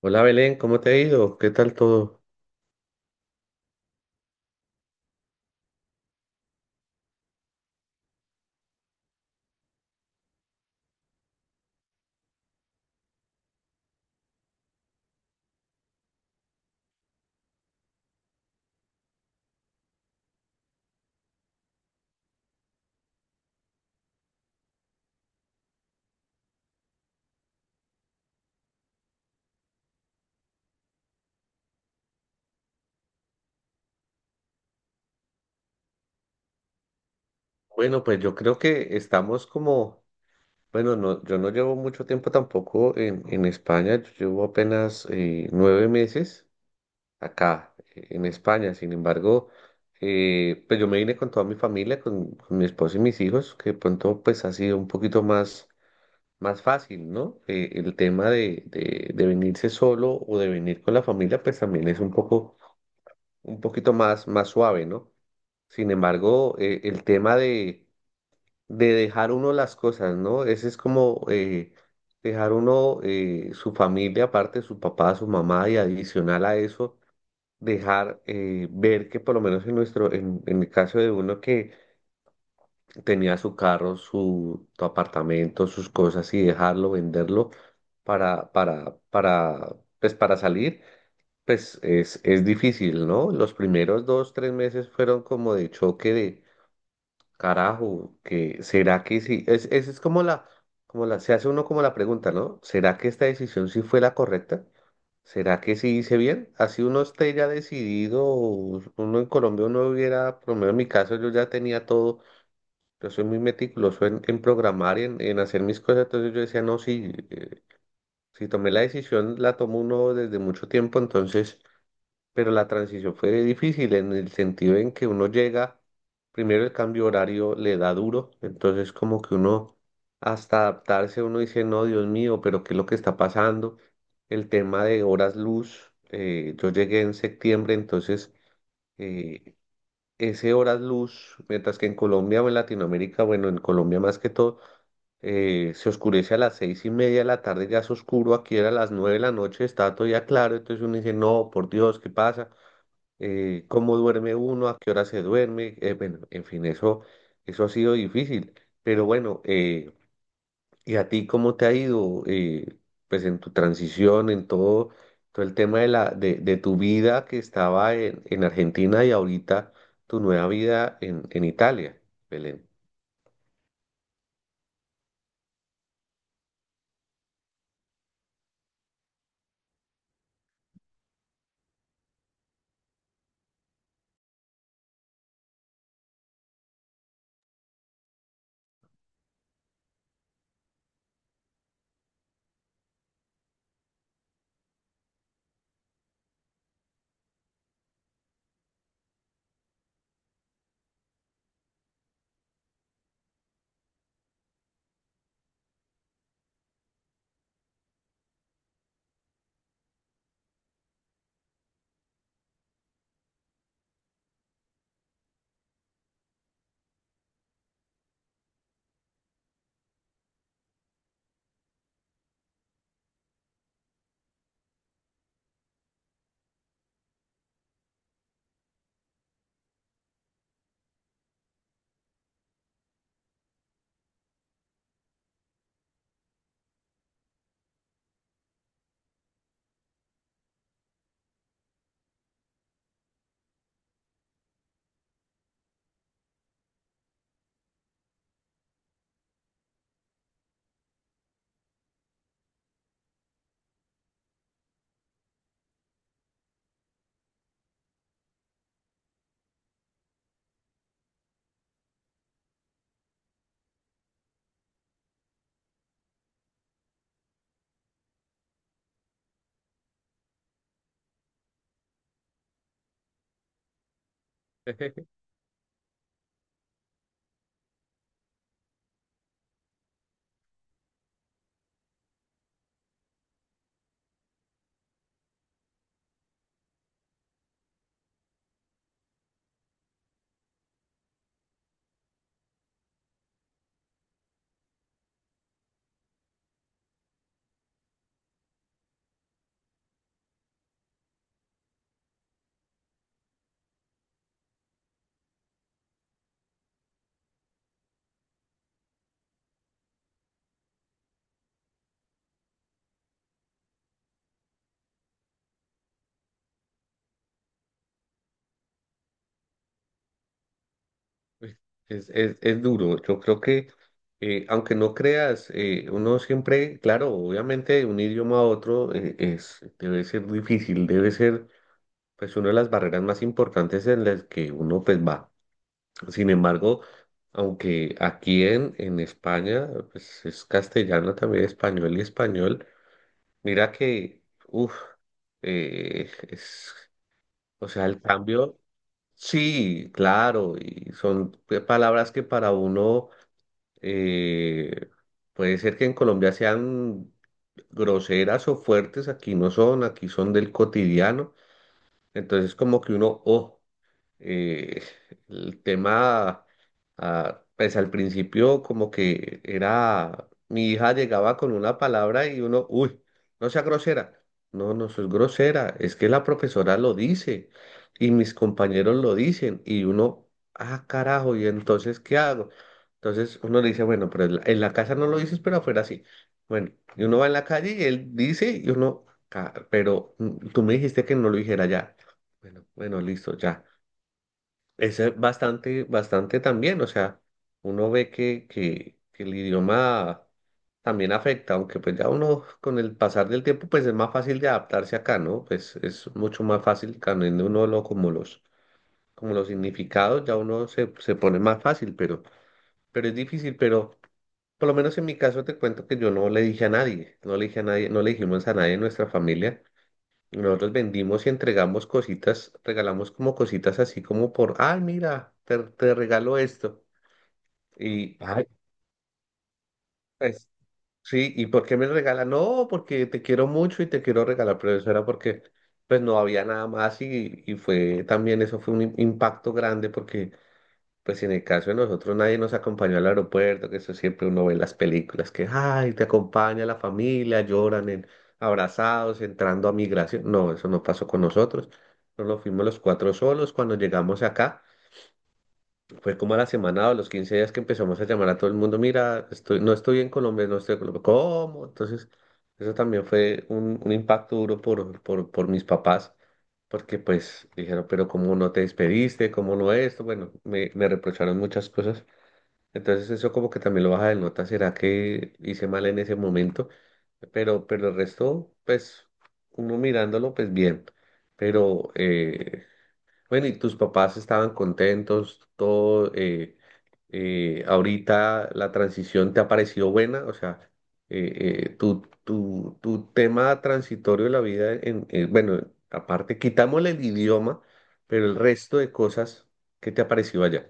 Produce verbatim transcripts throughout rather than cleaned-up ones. Hola Belén, ¿cómo te ha ido? ¿Qué tal todo? Bueno, pues yo creo que estamos como, bueno, no, yo no llevo mucho tiempo tampoco en, en España, yo llevo apenas eh, nueve meses acá eh, en España. Sin embargo, eh, pues yo me vine con toda mi familia, con, con mi esposo y mis hijos, que de pronto pues ha sido un poquito más, más, fácil, ¿no? Eh, el tema de, de, de venirse solo o de venir con la familia pues también es un poco, un poquito más, más suave, ¿no? Sin embargo, eh, el tema de, de dejar uno las cosas, ¿no? Ese es como eh, dejar uno eh, su familia, aparte su papá, su mamá, y adicional a eso, dejar eh, ver que por lo menos en nuestro, en, en el caso de uno que tenía su carro, su, su apartamento, sus cosas, y dejarlo, venderlo para, para, para, pues para salir. Pues es, es difícil, ¿no? Los primeros dos, tres meses fueron como de choque. Carajo, que será que sí. Es, esa es como la, como la, se hace uno como la pregunta, ¿no? ¿Será que esta decisión sí fue la correcta? ¿Será que sí hice bien? Así uno esté ya decidido, o uno en Colombia uno hubiera, por lo menos en mi caso yo ya tenía todo, yo soy muy meticuloso en, en programar y en, en hacer mis cosas. Entonces yo decía, no, sí, eh, si tomé la decisión, la tomó uno desde mucho tiempo, entonces pero la transición fue difícil en el sentido en que uno llega, primero el cambio horario le da duro. Entonces como que uno hasta adaptarse uno dice, no, Dios mío, pero ¿qué es lo que está pasando? El tema de horas luz, eh, yo llegué en septiembre, entonces eh, ese horas luz, mientras que en Colombia o en Latinoamérica, bueno, en Colombia más que todo, eh, se oscurece a las seis y media de la tarde, ya es oscuro, aquí era a las nueve de la noche, está todavía claro. Entonces uno dice, no, por Dios, ¿qué pasa? Eh, cómo duerme uno, a qué hora se duerme, eh, bueno, en fin, eso, eso, ha sido difícil. Pero bueno, eh, ¿y a ti cómo te ha ido, eh, pues en tu transición, en todo, todo el tema de la, de, de tu vida que estaba en, en Argentina y ahorita tu nueva vida en, en Italia, Belén? Pues, Es, es, es duro, yo creo que, eh, aunque no creas, eh, uno siempre, claro, obviamente de un idioma a otro eh, es, debe ser difícil, debe ser pues una de las barreras más importantes en las que uno pues va. Sin embargo, aunque aquí en, en España, pues es castellano también, español y español, mira que, uff, es, o sea, el cambio, sí, claro, y son pe- palabras que para uno eh, puede ser que en Colombia sean groseras o fuertes, aquí no son, aquí son del cotidiano. Entonces como que uno, oh, eh, el tema, ah, pues al principio como que era, mi hija llegaba con una palabra y uno, uy, no sea grosera. No, no soy grosera, es que la profesora lo dice y mis compañeros lo dicen y uno, ah, carajo, ¿y entonces qué hago? Entonces uno le dice, bueno, pero en la, en la, casa no lo dices, pero afuera sí. Bueno, y uno va en la calle y él dice y uno, "Ca- pero mm, tú me dijiste que no lo dijera ya". Bueno, bueno, listo, ya. Es eh, bastante, bastante también, o sea, uno ve que, que, que el idioma también afecta, aunque pues ya uno con el pasar del tiempo pues es más fácil de adaptarse acá, ¿no? Pues es mucho más fácil también uno lo, como los, como los significados, ya uno se, se pone más fácil, pero, pero, es difícil, pero por lo menos en mi caso te cuento que yo no le dije a nadie, no le dije a nadie, no le dijimos a nadie en nuestra familia. Nosotros vendimos y entregamos cositas, regalamos como cositas así como por, ay, mira, te, te, regalo esto. Y, ay, pues, sí, ¿y por qué me regala? No, porque te quiero mucho y te quiero regalar, pero eso era porque, pues, no había nada más y, y fue también, eso fue un im- impacto grande porque pues si en el caso de nosotros nadie nos acompañó al aeropuerto, que eso siempre uno ve en las películas, que, ay, te acompaña la familia, lloran en- abrazados, entrando a migración. No, eso no pasó con nosotros. Nos fuimos los cuatro solos. Cuando llegamos acá, fue como a la semana o los quince días que empezamos a llamar a todo el mundo, mira, estoy, no estoy en Colombia, no estoy en Colombia. ¿Cómo? Entonces, eso también fue un, un impacto duro por, por, por, mis papás porque pues dijeron, pero cómo no te despediste, cómo no esto, bueno, me, me reprocharon muchas cosas, entonces eso como que también lo baja de nota, ¿será que hice mal en ese momento? Pero, pero el resto, pues, uno mirándolo, pues bien. Pero, eh, bueno, ¿y tus papás estaban contentos? Todo, eh, eh, ahorita la transición te ha parecido buena, o sea, eh, eh, tu, tu, tu tema transitorio de la vida, en, eh, bueno, aparte, quitámosle el idioma, pero el resto de cosas, ¿qué te ha parecido allá?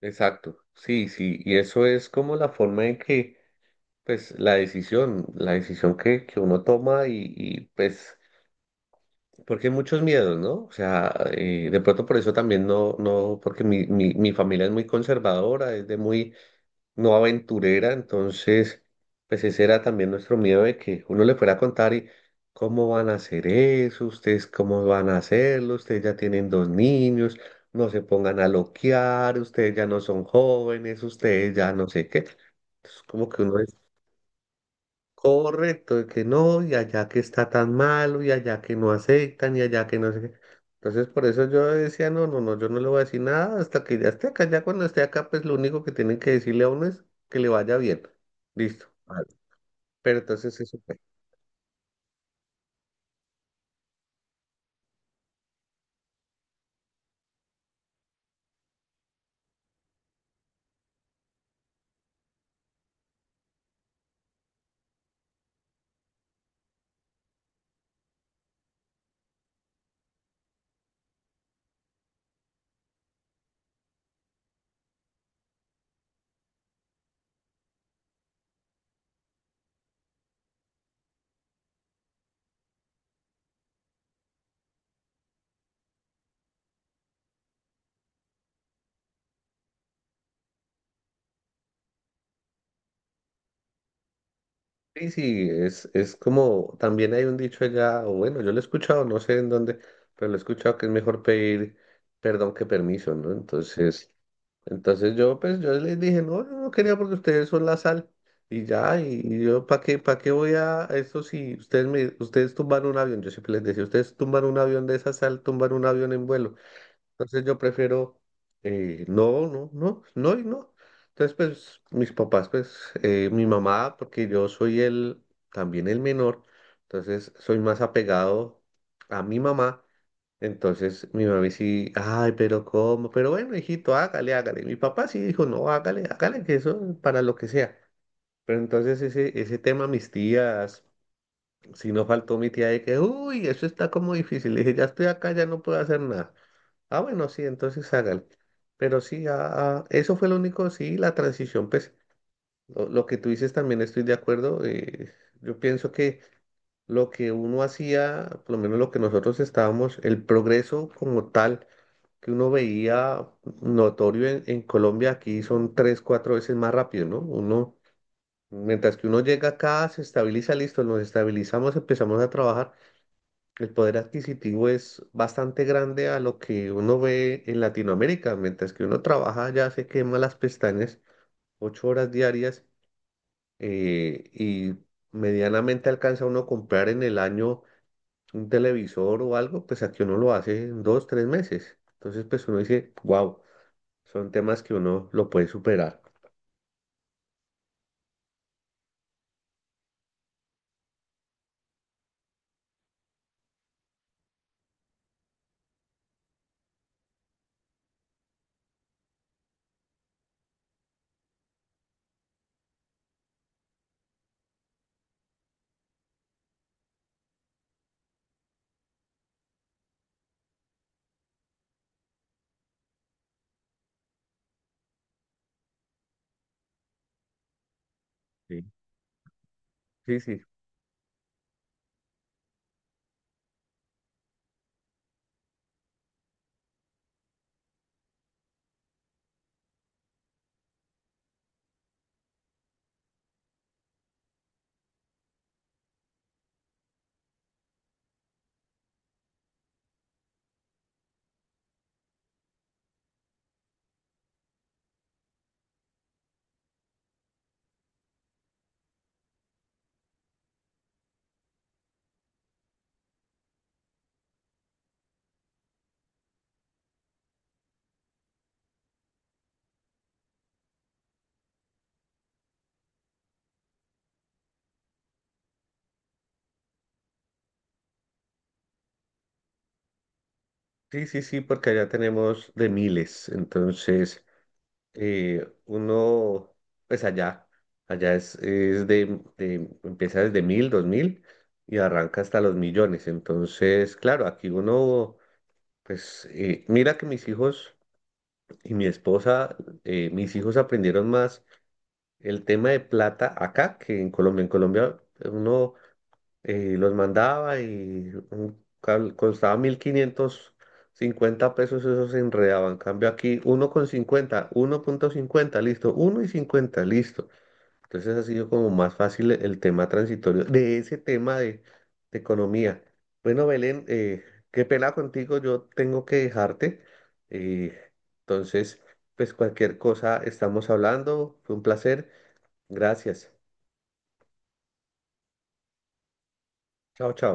Exacto, sí, sí, y eso es como la forma en que, pues, la decisión, la decisión, que, que uno toma y, y, pues, porque hay muchos miedos, ¿no? O sea, eh, de pronto por eso también no, no, porque mi, mi, mi familia es muy conservadora, es de muy, no aventurera. Entonces, pues ese era también nuestro miedo de que uno le fuera a contar y cómo van a hacer eso, ustedes cómo van a hacerlo, ustedes ya tienen dos niños, no se pongan a loquear, ustedes ya no son jóvenes, ustedes ya no sé qué. Entonces, como que uno. Correcto, de que no, y allá que está tan malo, y allá que no aceptan, y allá que no sé qué. Entonces, por eso yo decía, no, no, no, yo no le voy a decir nada hasta que ya esté acá. Ya cuando esté acá, pues lo único que tienen que decirle a uno es que le vaya bien. Listo. Vale. Pero entonces eso fue. Sí, sí, es, es como, también hay un dicho allá, o bueno, yo lo he escuchado, no sé en dónde, pero lo he escuchado que es mejor pedir perdón que permiso, ¿no? Entonces... Entonces yo, pues, yo les dije, no, yo no quería porque ustedes son la sal. Y ya, y y yo, ¿para qué, para qué, voy a eso si ustedes me, ustedes tumban un avión? Yo siempre les decía, ustedes tumban un avión de esa sal, tumban un avión en vuelo. Entonces yo prefiero, eh, no, no, no, no y no. Entonces, pues, mis papás, pues, eh, mi mamá, porque yo soy el, también el menor, entonces soy más apegado a mi mamá. Entonces mi mami sí, ay, pero ¿cómo? Pero bueno, hijito, hágale, hágale. Mi papá sí dijo, no, hágale, hágale, que eso es para lo que sea. Pero entonces ese, ese, tema, mis tías, si no faltó mi tía de que, uy, eso está como difícil. Le dije, ya estoy acá, ya no puedo hacer nada. Ah, bueno, sí, entonces hágale. Pero sí, ah, ah, eso fue lo único, sí, la transición, pues lo, lo que tú dices también estoy de acuerdo. Eh, yo pienso que lo que uno hacía, por lo menos lo que nosotros estábamos, el progreso como tal que uno veía notorio en, en Colombia, aquí son tres, cuatro veces más rápido, ¿no? Uno, mientras que uno llega acá, se estabiliza, listo, nos estabilizamos, empezamos a trabajar. El poder adquisitivo es bastante grande a lo que uno ve en Latinoamérica, mientras que uno trabaja ya se quema las pestañas, ocho horas diarias, eh, y medianamente alcanza uno a comprar en el año un televisor o algo, pues aquí uno lo hace en dos, tres meses. Entonces, pues uno dice, wow. Son temas que uno lo puede superar. Sí, sí, sí, sí, sí, sí, porque allá tenemos de miles. Entonces, eh, uno, pues allá, allá es, es de, de- empieza desde mil, dos mil y arranca hasta los millones. Entonces, claro, aquí uno, pues, eh, mira que mis hijos y mi esposa, eh, mis hijos aprendieron más el tema de plata acá que en Colombia. En Colombia eh, uno y los mandaba y un cal- costaba mil quinientos cincuenta pesos, eso se enredaba. En cambio aquí, uno con cincuenta, uno punto cincuenta listo, uno y cincuenta listo. Entonces ha sido como más fácil e, el tema transitorio de ese tema de, de economía. Bueno, Belén, eh, qué pena contigo, yo tengo que dejarte. eh, entonces, pues cualquier cosa estamos hablando, fue un placer. Gracias. Chao, chao.